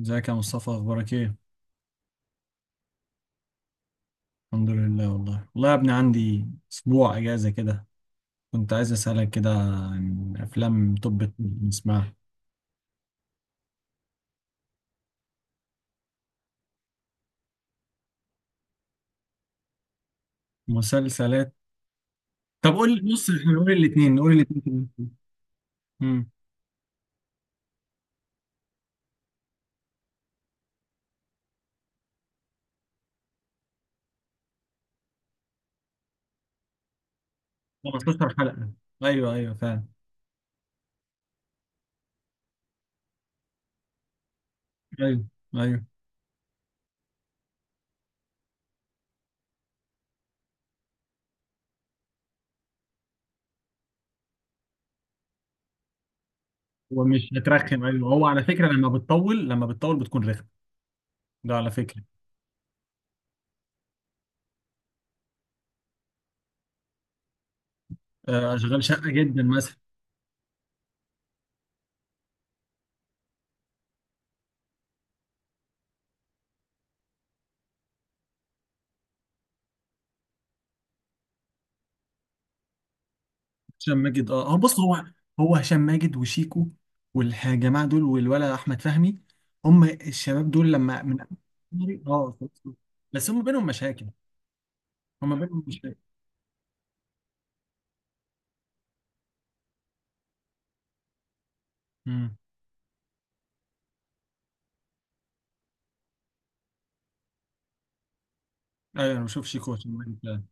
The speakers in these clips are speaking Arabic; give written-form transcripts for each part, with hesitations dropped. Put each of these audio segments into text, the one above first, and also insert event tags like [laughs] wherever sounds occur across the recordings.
ازيك يا مصطفى؟ اخبارك ايه؟ الحمد لله، والله والله يا ابني. عندي اسبوع اجازه كده. كنت عايز اسالك كده عن افلام. طب نسمعها. مسلسلات. طب قول لي، بص احنا نقول الاثنين. امم 15 حلقه. ايوه ايوه فعلا. ايوه ايوه. هو مش هترخم؟ ايوه هو على فكره لما بتطول بتكون رخم. ده على فكره. آه، اشغال شقه جدا. هشام ماجد، هو بص. هو هو هشام ماجد وشيكو والجماعه دول والولا احمد فهمي. هم الشباب دول لما من. اه بس هم بينهم مشاكل. هم بينهم مشاكل. امم ايوه انا بشوف شيكو هشام ماجد ده.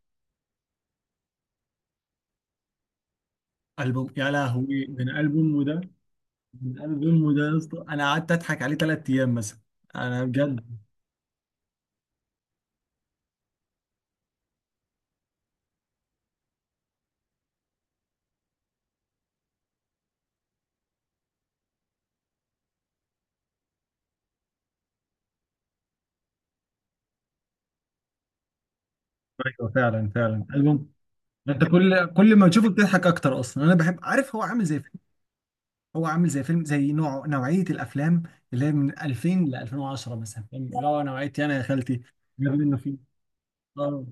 البوم، يا لهوي من البوم ده. من البوم ده يا اسطى، انا قعدت اضحك عليه 3 ايام مثلا. انا بجد. ايوه فعلا فعلا البوم ده، انت كل ما تشوفه بتضحك اكتر اصلا. انا بحب، عارف هو عامل زي، هو عامل زي فيلم، زي نوعية الأفلام اللي هي من 2000 ل 2010 مثلا، فاهم؟ اللي هو نوعية، أنا يا خالتي جاب منه فيه. اه.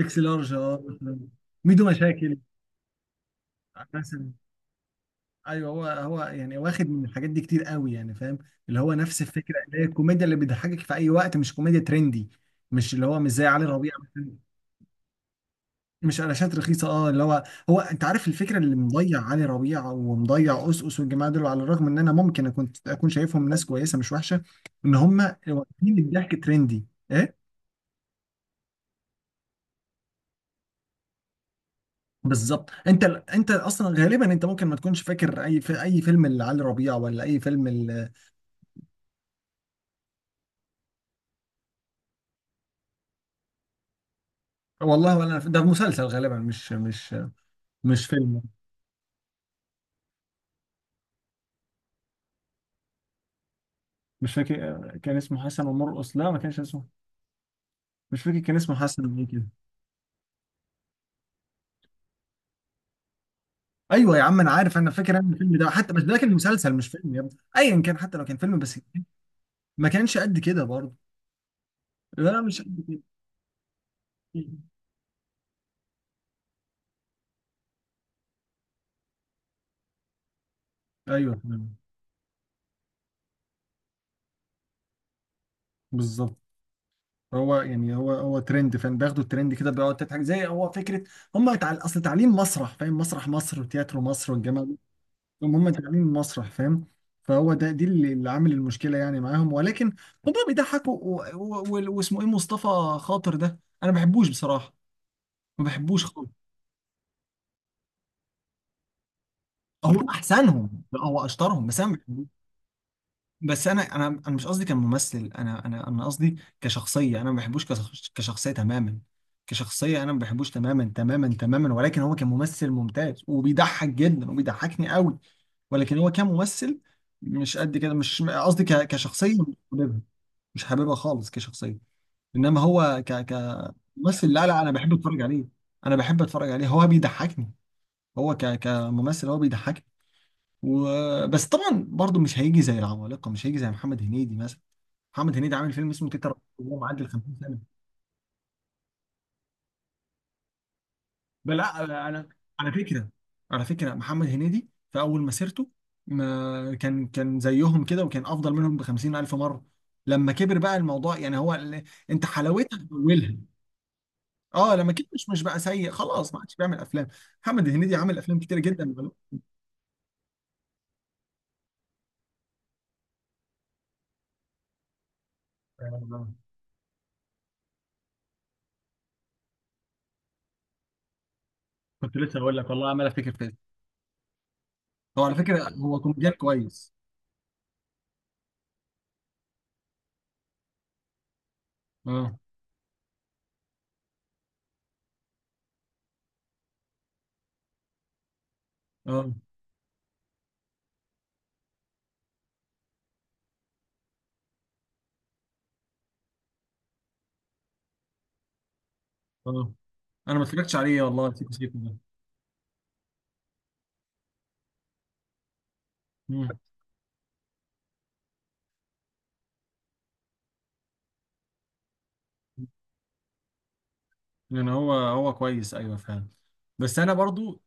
اكس لارج، اه مثلاً. ميدو مشاكل مثلا. ايوه، هو هو يعني واخد من الحاجات دي كتير قوي، يعني فاهم. اللي هو نفس الفكرة اللي هي الكوميديا اللي بتضحكك في أي وقت، مش كوميديا ترندي. مش اللي هو مش زي علي ربيع مثلا. مش قلاشات رخيصه، اه اللي هو. هو انت عارف الفكره اللي مضيع علي ربيع ومضيع قصقص والجماعه دول، على الرغم ان انا ممكن اكون شايفهم ناس كويسه مش وحشه. ان هم واخدين الضحك ترندي. ايه؟ بالظبط. انت اصلا غالبا، انت ممكن ما تكونش فاكر اي، في اي فيلم لعلي ربيع ولا اي فيلم والله ولا أنا. ده مسلسل غالبا، مش مش فيلم. مش فاكر كان اسمه حسن ومرقص. لا، ما كانش اسمه. مش فاكر كان اسمه حسن ايه كده. ايوه يا عم انا عارف، انا فاكر ان الفيلم ده حتى، بس ده كان مسلسل مش فيلم يا ابني. ايا كان، حتى لو كان فيلم، بس ما كانش قد كده برضه. لا مش قد كده. ايوه فاهم. بالظبط. هو يعني هو ترند، فاهم؟ بياخدوا الترند كده بيقعد تضحك، زي هو فكره. هم تعال اصل تعليم مسرح، فاهم؟ مسرح مصر وتياترو مصر والجامعه دي. هم تعليم مسرح، فاهم. فهو ده دي اللي عامل المشكله يعني معاهم، ولكن هم بيضحكوا. واسمه ايه، مصطفى خاطر ده، انا ما بحبوش بصراحه. ما بحبوش خالص. هو احسنهم؟ لا، هو اشطرهم بس انا بحبه. بس انا، انا مش قصدي كممثل. انا، انا قصدي كشخصيه. انا ما بحبوش كشخصيه تماما. كشخصيه انا ما بحبوش، تماما تماما تماما. ولكن هو كممثل ممتاز وبيضحك جدا وبيضحكني قوي. ولكن هو كممثل مش قد كده. مش قصدي كشخصيه، مش حاببها. مش حاببها خالص كشخصيه. انما هو كممثل، لا لا انا بحب اتفرج عليه. انا بحب اتفرج عليه، هو بيضحكني. هو كممثل هو بيضحكني. بس طبعا برضو مش هيجي زي العمالقه، مش هيجي زي محمد هنيدي مثلا. محمد هنيدي عامل فيلم اسمه تيتا رهيب، وهو معدي ال 50 سنه. بل لا انا على فكره. على فكره محمد هنيدي في اول مسيرته ما كان زيهم كده، وكان افضل منهم ب 50 الف مره. لما كبر بقى الموضوع، يعني هو انت حلاوتها في اولها. اه لما كبر، مش بقى سيء خلاص، ما عادش بيعمل افلام. محمد هنيدي عامل افلام كتير جدا. آه، كنت لسه هقول لك والله، عمال افتكر فيلم. هو على فكره هو كوميديان كويس. اه اه اه انا ما اتفرجتش عليه والله، سيكو سيكو ده. مم. يعني هو كويس، ايوه فعلا. بس انا برضو،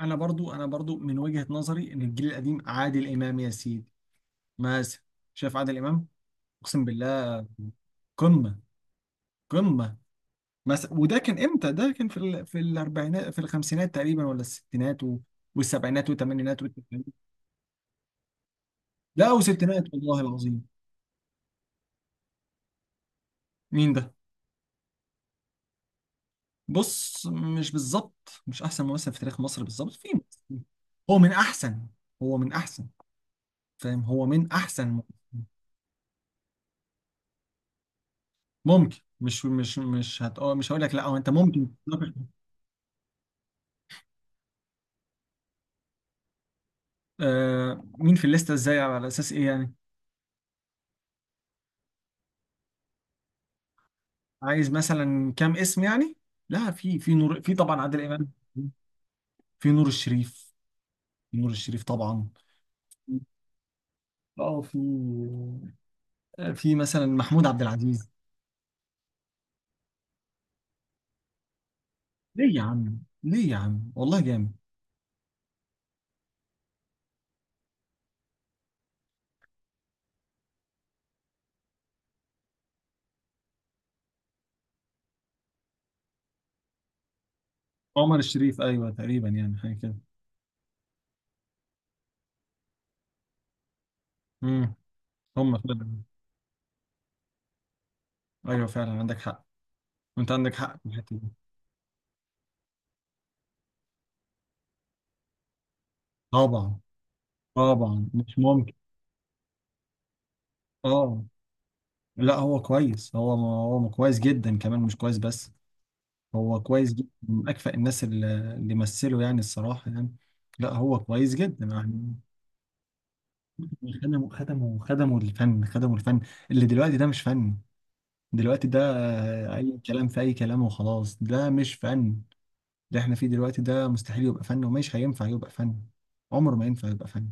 انا برضو من وجهة نظري ان الجيل القديم عادل امام يا سيدي. مثلا شايف عادل امام، اقسم بالله قمة. قمة مثلا. وده كان امتى؟ ده كان في في الاربعينات، في الخمسينات تقريبا، ولا الستينات والسبعينات والثمانينات والتسعينات. لا وستينات والله العظيم. مين ده؟ بص مش بالظبط مش احسن ممثل في تاريخ مصر بالظبط، في. هو من احسن. هو من احسن. فاهم، هو من احسن. ممكن، مش مش مش هت... آه، مش هقول لك لا. هو انت ممكن تتناقش. آه، مين في الليسته؟ ازاي على اساس ايه يعني؟ عايز مثلا كام اسم يعني؟ لا في نور، في طبعا عادل امام. في نور الشريف. في نور الشريف طبعا. اه في، آه، في مثلا محمود عبد العزيز. ليه يا عم؟ ليه يا عم؟ والله جامد. عمر الشريف ايوه، تقريبا يعني حاجه كده. امم. هم فعلا. ايوه فعلا عندك حق. انت عندك حق في الحته دي. طبعا. طبعا مش ممكن. اه. لا هو كويس، هو هو كويس جدا كمان مش كويس بس. هو كويس جدا من اكفأ الناس اللي مثلوا يعني، الصراحه يعني. لا هو كويس جدا يعني. خدموا الفن، خدموا الفن. اللي دلوقتي ده مش فن. دلوقتي ده، آه، اي كلام في اي كلام وخلاص، ده مش فن. اللي احنا فيه دلوقتي ده مستحيل يبقى فن ومش هينفع يبقى فن. عمره ما ينفع يبقى فن.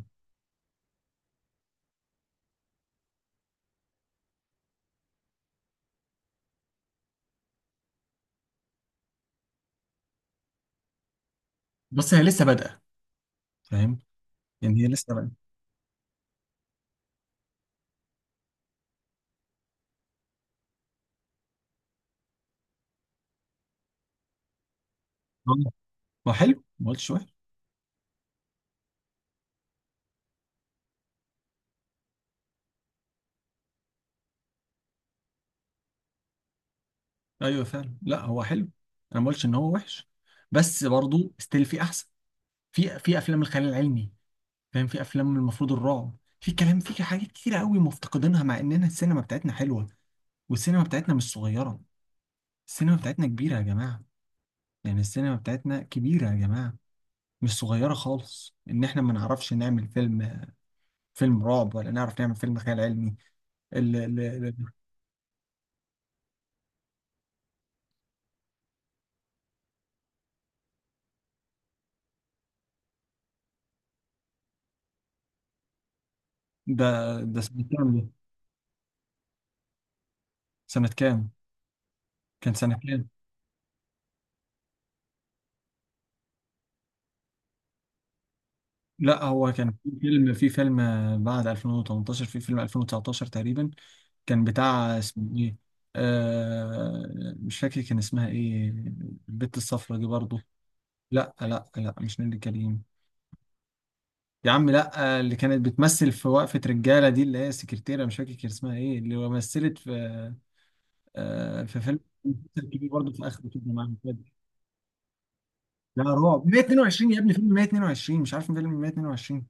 بس هي لسه بادئه، فاهم؟ يعني هي لسه بادئه. هو حلو، ما قلتش وحش. ايوه فعلا لا هو حلو. انا ما قلتش ان هو وحش. بس برضه ستيل في احسن. في افلام الخيال العلمي، فاهم؟ في افلام المفروض الرعب، في كلام، في حاجات كتير قوي مفتقدينها، مع اننا السينما بتاعتنا حلوه. والسينما بتاعتنا مش صغيره. السينما بتاعتنا كبيره يا جماعه. يعني السينما بتاعتنا كبيره يا جماعه، مش صغيره خالص ان احنا ما نعرفش نعمل فيلم. فيلم رعب ولا نعرف نعمل فيلم خيال علمي. ال- ال- ال- ده ده سنه كام ده؟ سنه كام؟ كان سنه كام؟ لا هو كان في فيلم بعد 2018، في فيلم 2019 تقريبا. كان بتاع اسمه ايه، آه، مش فاكر كان اسمها ايه. البت الصفرا دي برضو. لا لا لا مش نيللي كريم. يا عم لا، اللي كانت بتمثل في وقفة رجالة دي، اللي هي سكرتيرة، مش فاكر كان اسمها ايه، اللي مثلت في آه في فيلم. [laughs] كبير برضه في اخر كده معاهم كده. لا رعب 122 يا ابني، فيلم 122 مش عارف فيلم 122.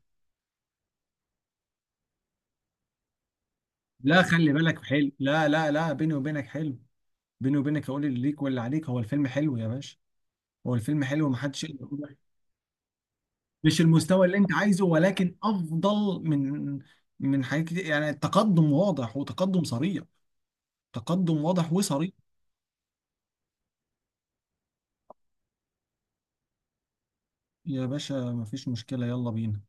لا خلي بالك حلو، لا لا لا بيني وبينك حلو. بيني وبينك هقول اللي ليك واللي عليك، هو الفيلم حلو يا باشا. هو الفيلم حلو ومحدش يقدر يقول وحش. مش المستوى اللي انت عايزه، ولكن افضل من، من حاجات كتير يعني. التقدم واضح، وتقدم صريح. تقدم واضح وصريح. يا باشا مفيش مشكلة، يلا بينا.